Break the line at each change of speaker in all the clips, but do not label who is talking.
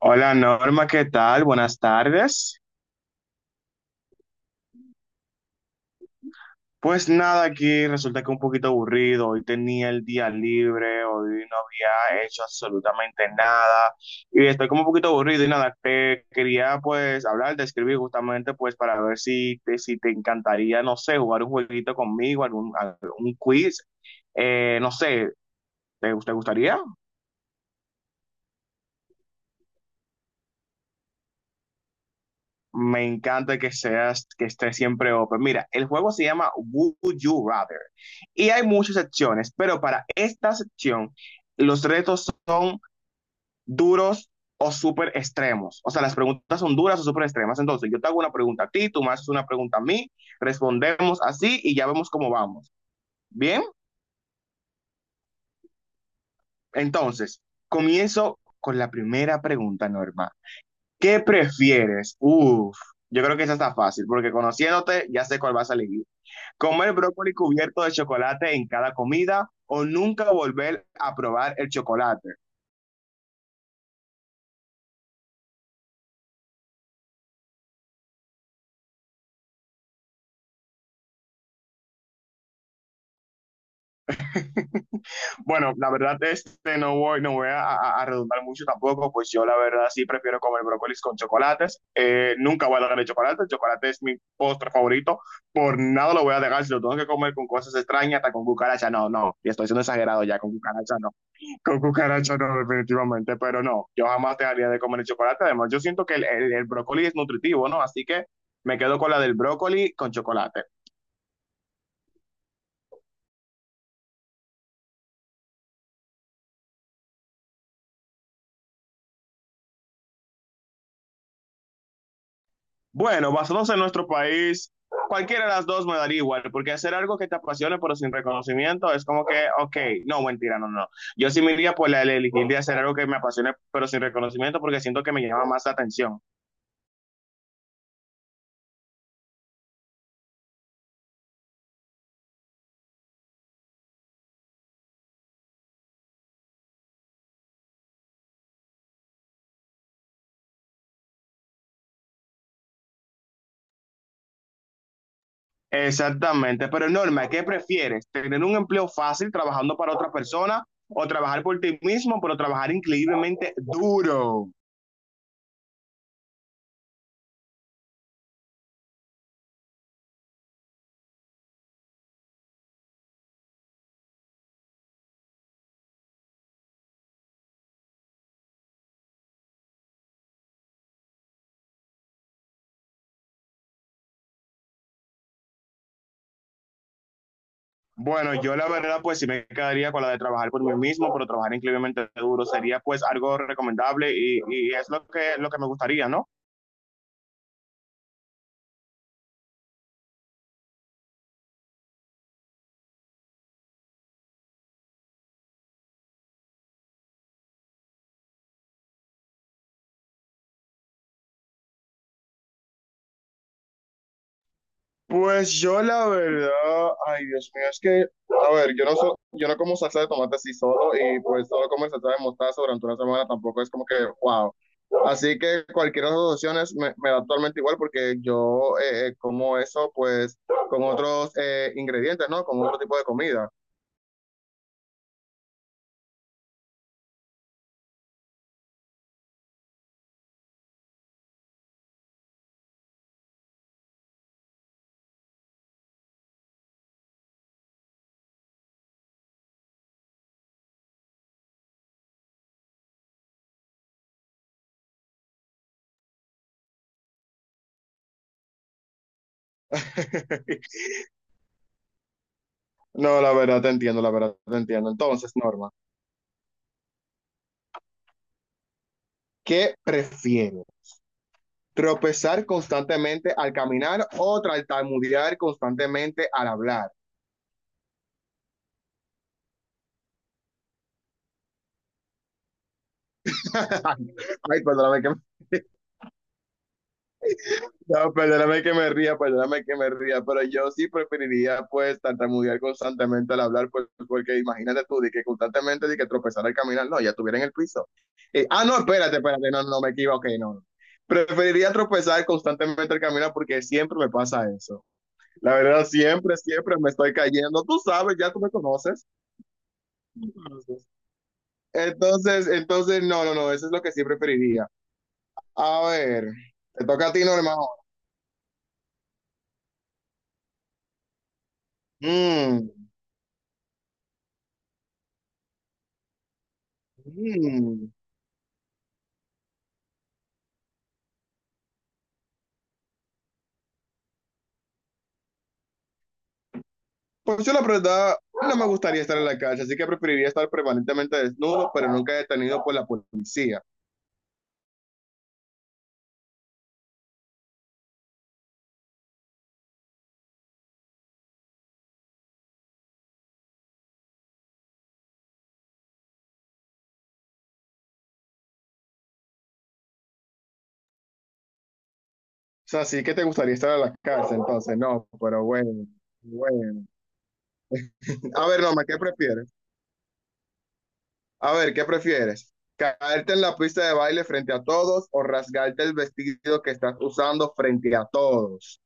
Hola Norma, ¿qué tal? Buenas tardes. Pues nada, aquí resulta que un poquito aburrido. Hoy tenía el día libre, hoy no había hecho absolutamente nada y estoy como un poquito aburrido y nada, te quería pues hablar, de escribir justamente pues para ver si te encantaría, no sé, jugar un jueguito conmigo, algún quiz. No sé, ¿te gustaría? Me encanta que seas, que estés siempre open. Mira, el juego se llama Would You Rather y hay muchas secciones, pero para esta sección los retos son duros o súper extremos. O sea, las preguntas son duras o súper extremas. Entonces, yo te hago una pregunta a ti, tú me haces una pregunta a mí, respondemos así y ya vemos cómo vamos. Bien, entonces, comienzo con la primera pregunta, Norma. ¿Qué prefieres? Uf, yo creo que esa está fácil, porque conociéndote ya sé cuál vas a elegir. Comer brócoli cubierto de chocolate en cada comida o nunca volver a probar el chocolate. Bueno, la verdad, este, no voy, no voy a redundar mucho tampoco, pues yo la verdad sí prefiero comer brócolis con chocolates. Nunca voy a dejar el chocolate es mi postre favorito, por nada lo voy a dejar. Si lo tengo que comer con cosas extrañas, hasta con cucaracha, no, no, y estoy siendo exagerado ya, con cucaracha no. Con cucaracha no, definitivamente, pero no, yo jamás dejaría de comer el chocolate. Además, yo siento que el brócoli es nutritivo, ¿no? Así que me quedo con la del brócoli con chocolate. Bueno, basados en nuestro país, cualquiera de las dos me daría igual, porque hacer algo que te apasione pero sin reconocimiento es como que, ok, no, mentira, no, no. Yo sí me iría por la de elegir de hacer algo que me apasione pero sin reconocimiento porque siento que me llama más la atención. Exactamente, pero Norma, ¿qué prefieres? ¿Tener un empleo fácil trabajando para otra persona o trabajar por ti mismo, pero trabajar increíblemente duro? Bueno, yo la verdad, pues sí me quedaría con la de trabajar por mí mismo, pero trabajar increíblemente duro sería pues algo recomendable, y es lo que me gustaría, ¿no? Pues yo la verdad, ay, Dios mío, es que, a ver, yo no como salsa de tomate así solo, y pues solo comer salsa de mostaza durante una semana tampoco es como que, wow. Así que cualquiera de las dos opciones me da actualmente igual porque yo como eso pues con otros ingredientes, ¿no? Con otro tipo de comida. No, la verdad te entiendo, la verdad te entiendo. Entonces, Norma, ¿qué prefieres? ¿Tropezar constantemente al caminar o tartamudear constantemente al hablar? Ay, perdóname que, no, perdóname que me ría, perdóname que me ría, pero yo sí preferiría pues tartamudear constantemente al hablar, pues, porque imagínate tú, de que constantemente de que tropezar al caminar, no, ya estuviera en el piso. Ah, no, espérate, espérate, no, no me equivoqué, no. Preferiría tropezar constantemente al caminar porque siempre me pasa eso. La verdad, siempre, siempre me estoy cayendo. Tú sabes, ya tú me conoces. Tú me conoces. Entonces, no, no, no, eso es lo que sí preferiría. A ver, te toca a ti, normal. Mm, mm. Pues yo la verdad no me gustaría estar en la calle, así que preferiría estar permanentemente desnudo, pero nunca detenido por la policía. O sea, sí que te gustaría estar en la cárcel, entonces no, pero bueno, bueno. A ver, Norma, ¿qué prefieres? A ver, ¿qué prefieres? ¿Caerte en la pista de baile frente a todos o rasgarte el vestido que estás usando frente a todos?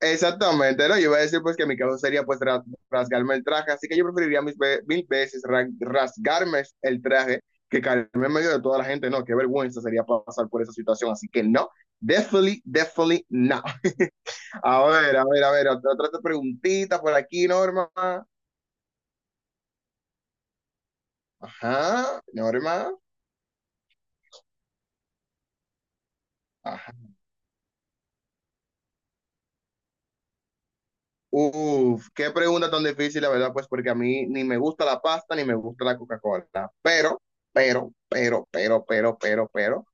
Exactamente, ¿no? Yo iba a decir pues que mi caso sería pues rasgarme el traje, así que yo preferiría mis mil veces rasgarme el traje, que caerme en medio de toda la gente. No, qué vergüenza sería pasar por esa situación, así que no, definitely, definitely no. A ver, a ver, a ver, otra preguntita por aquí, Norma. Ajá, Norma. Ajá. Uf, qué pregunta tan difícil, la verdad, pues porque a mí ni me gusta la pasta ni me gusta la Coca-Cola, pero, pero.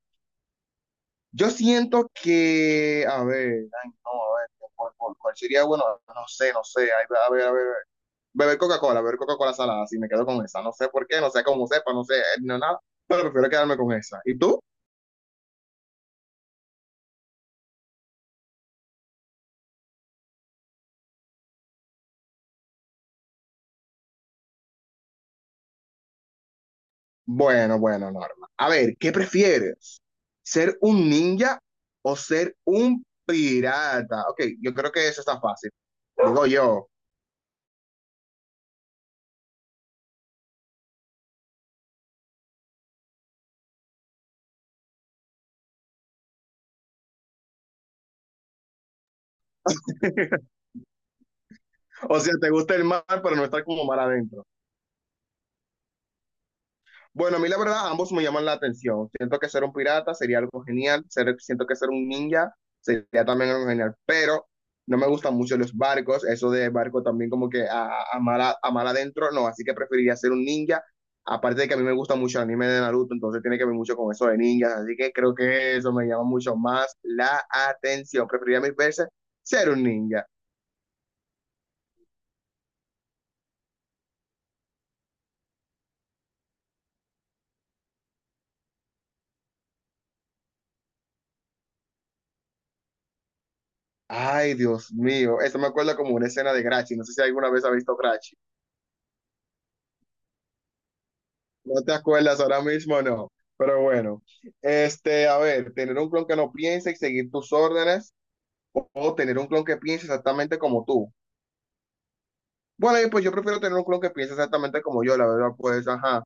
Yo siento que, a ver, ay, no, a ver, ¿cuál sería? Bueno, no sé, no sé, ay, a ver, beber Coca-Cola salada, si me quedo con esa, no sé por qué, no sé cómo sepa, no sé, no, nada, pero prefiero quedarme con esa. ¿Y tú? Bueno, bueno, Norma. A ver, ¿qué prefieres? ¿Ser un ninja o ser un pirata? Ok, yo creo que eso está fácil, digo yo. O sea, te gusta el mar, pero no estar como mar adentro. Bueno, a mí la verdad, ambos me llaman la atención. Siento que ser un pirata sería algo genial. Ser- siento que ser un ninja sería también algo genial. Pero no me gustan mucho los barcos. Eso de barco también como que a mar adentro, no. Así que preferiría ser un ninja. Aparte de que a mí me gusta mucho el anime de Naruto, entonces tiene que ver mucho con eso de ninjas. Así que creo que eso me llama mucho más la atención. Preferiría mil veces ser un ninja. Ay, Dios mío. Eso me acuerda como una escena de Grachi. No sé si alguna vez ha visto Grachi. No te acuerdas ahora mismo, no. Pero bueno, este, a ver, tener un clon que no piense y seguir tus órdenes, o tener un clon que piense exactamente como tú. Bueno, y pues yo prefiero tener un clon que piense exactamente como yo, la verdad, pues, ajá.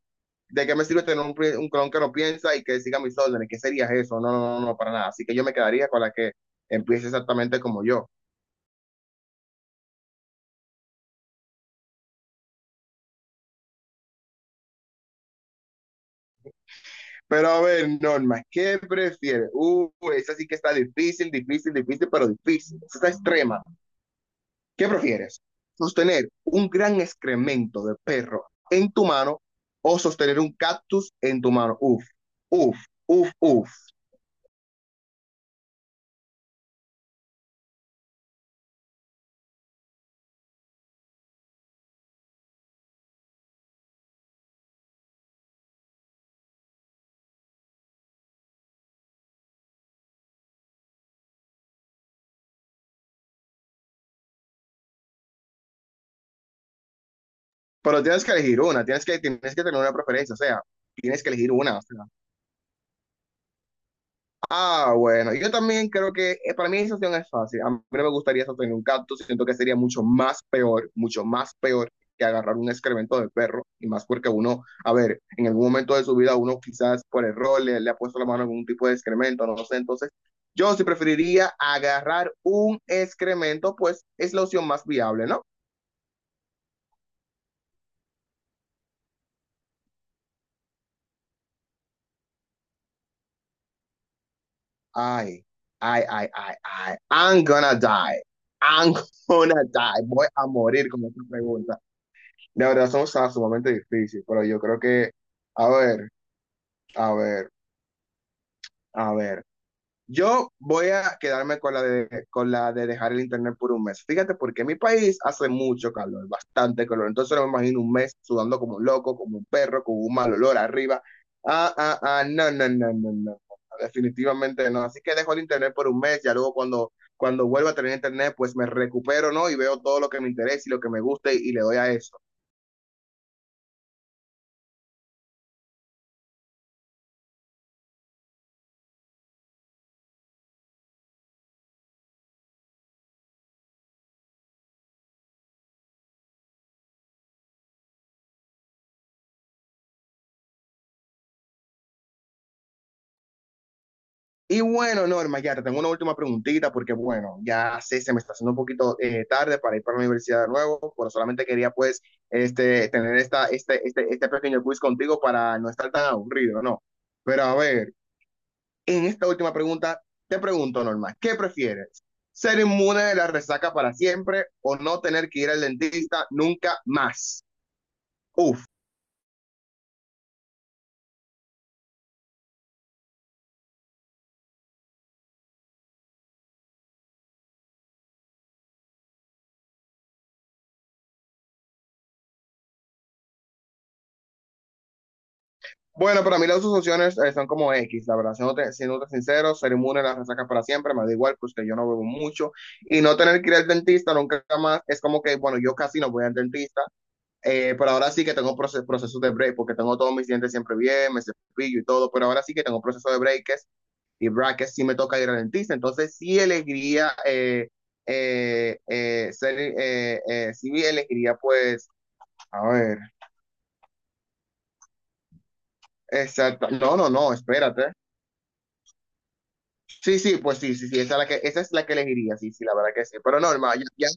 ¿De qué me sirve tener un clon que no piensa y que siga mis órdenes? ¿Qué sería eso? No, no, no, no, para nada. Así que yo me quedaría con la que empiece exactamente como yo. Pero a ver, Norma, ¿qué prefieres? Esa sí que está difícil, difícil, difícil, pero difícil. Esa está extrema. ¿Qué prefieres? ¿Sostener un gran excremento de perro en tu mano o sostener un cactus en tu mano? Uf, uf, uf, uf. Pero tienes que elegir una, tienes que tener una preferencia, o sea, tienes que elegir una. O sea, ah, bueno, yo también creo que, para mí esa opción es fácil. A mí no me gustaría sostener un gato, siento que sería mucho más peor que agarrar un excremento de perro, y más porque uno, a ver, en algún momento de su vida uno quizás por error le ha puesto la mano en algún tipo de excremento, no sé, entonces yo sí preferiría agarrar un excremento, pues es la opción más viable, ¿no? Ay, ay, ay, ay, ay, I'm gonna die, voy a morir con esta pregunta. La verdad son, o sumamente difíciles, pero yo creo que, a ver, a ver, a ver. Yo voy a quedarme con la de, dejar el internet por un mes. Fíjate, porque en mi país hace mucho calor, bastante calor. Entonces no me imagino un mes sudando como un loco, como un perro, con un mal olor arriba. Ah, ah, ah, no, no, no, no, no, no, definitivamente no. Así que dejo el internet por un mes, ya luego cuando vuelva a tener internet, pues me recupero, ¿no? Y veo todo lo que me interesa y lo que me guste y le doy a eso. Y bueno, Norma, ya te tengo una última preguntita porque, bueno, ya sé, se me está haciendo un poquito tarde para ir para la universidad de nuevo, pero solamente quería, pues, este, tener este pequeño quiz contigo para no estar tan aburrido, ¿no? Pero a ver, en esta última pregunta, te pregunto, Norma, ¿qué prefieres? ¿Ser inmune de la resaca para siempre o no tener que ir al dentista nunca más? Uf, bueno, para mí las dos opciones, son como X, la verdad, siéndote sincero, ser inmune a las resacas para siempre, me da igual, pues que yo no bebo mucho, y no tener que ir al dentista nunca más, es como que, bueno, yo casi no voy al dentista, pero ahora sí que tengo procesos de break, porque tengo todos mis dientes siempre bien, me cepillo y todo, pero ahora sí que tengo proceso de breaks y brackets, sí me toca ir al dentista, entonces sí elegiría, sí elegiría, pues, a ver, exacto, no, no, no, espérate. Sí, sí, pues sí, sí, sí, esa es la que elegiría, sí, sí, la verdad que sí. Pero no, hermano, ya,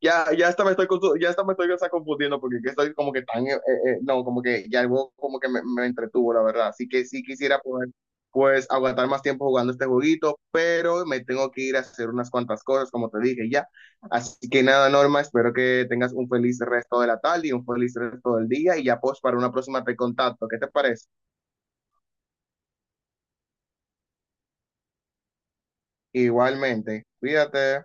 ya, ya, ya hasta me estoy, confu- ya hasta me estoy hasta confundiendo, porque es que estoy como que tan, no, como que ya algo como que me entretuvo, la verdad. Así que sí quisiera poder, pues, aguantar más tiempo jugando este jueguito, pero me tengo que ir a hacer unas cuantas cosas, como te dije ya. Así que nada, Norma, espero que tengas un feliz resto de la tarde y un feliz resto del día y ya, pues, para una próxima te contacto. ¿Qué te parece? Igualmente, cuídate.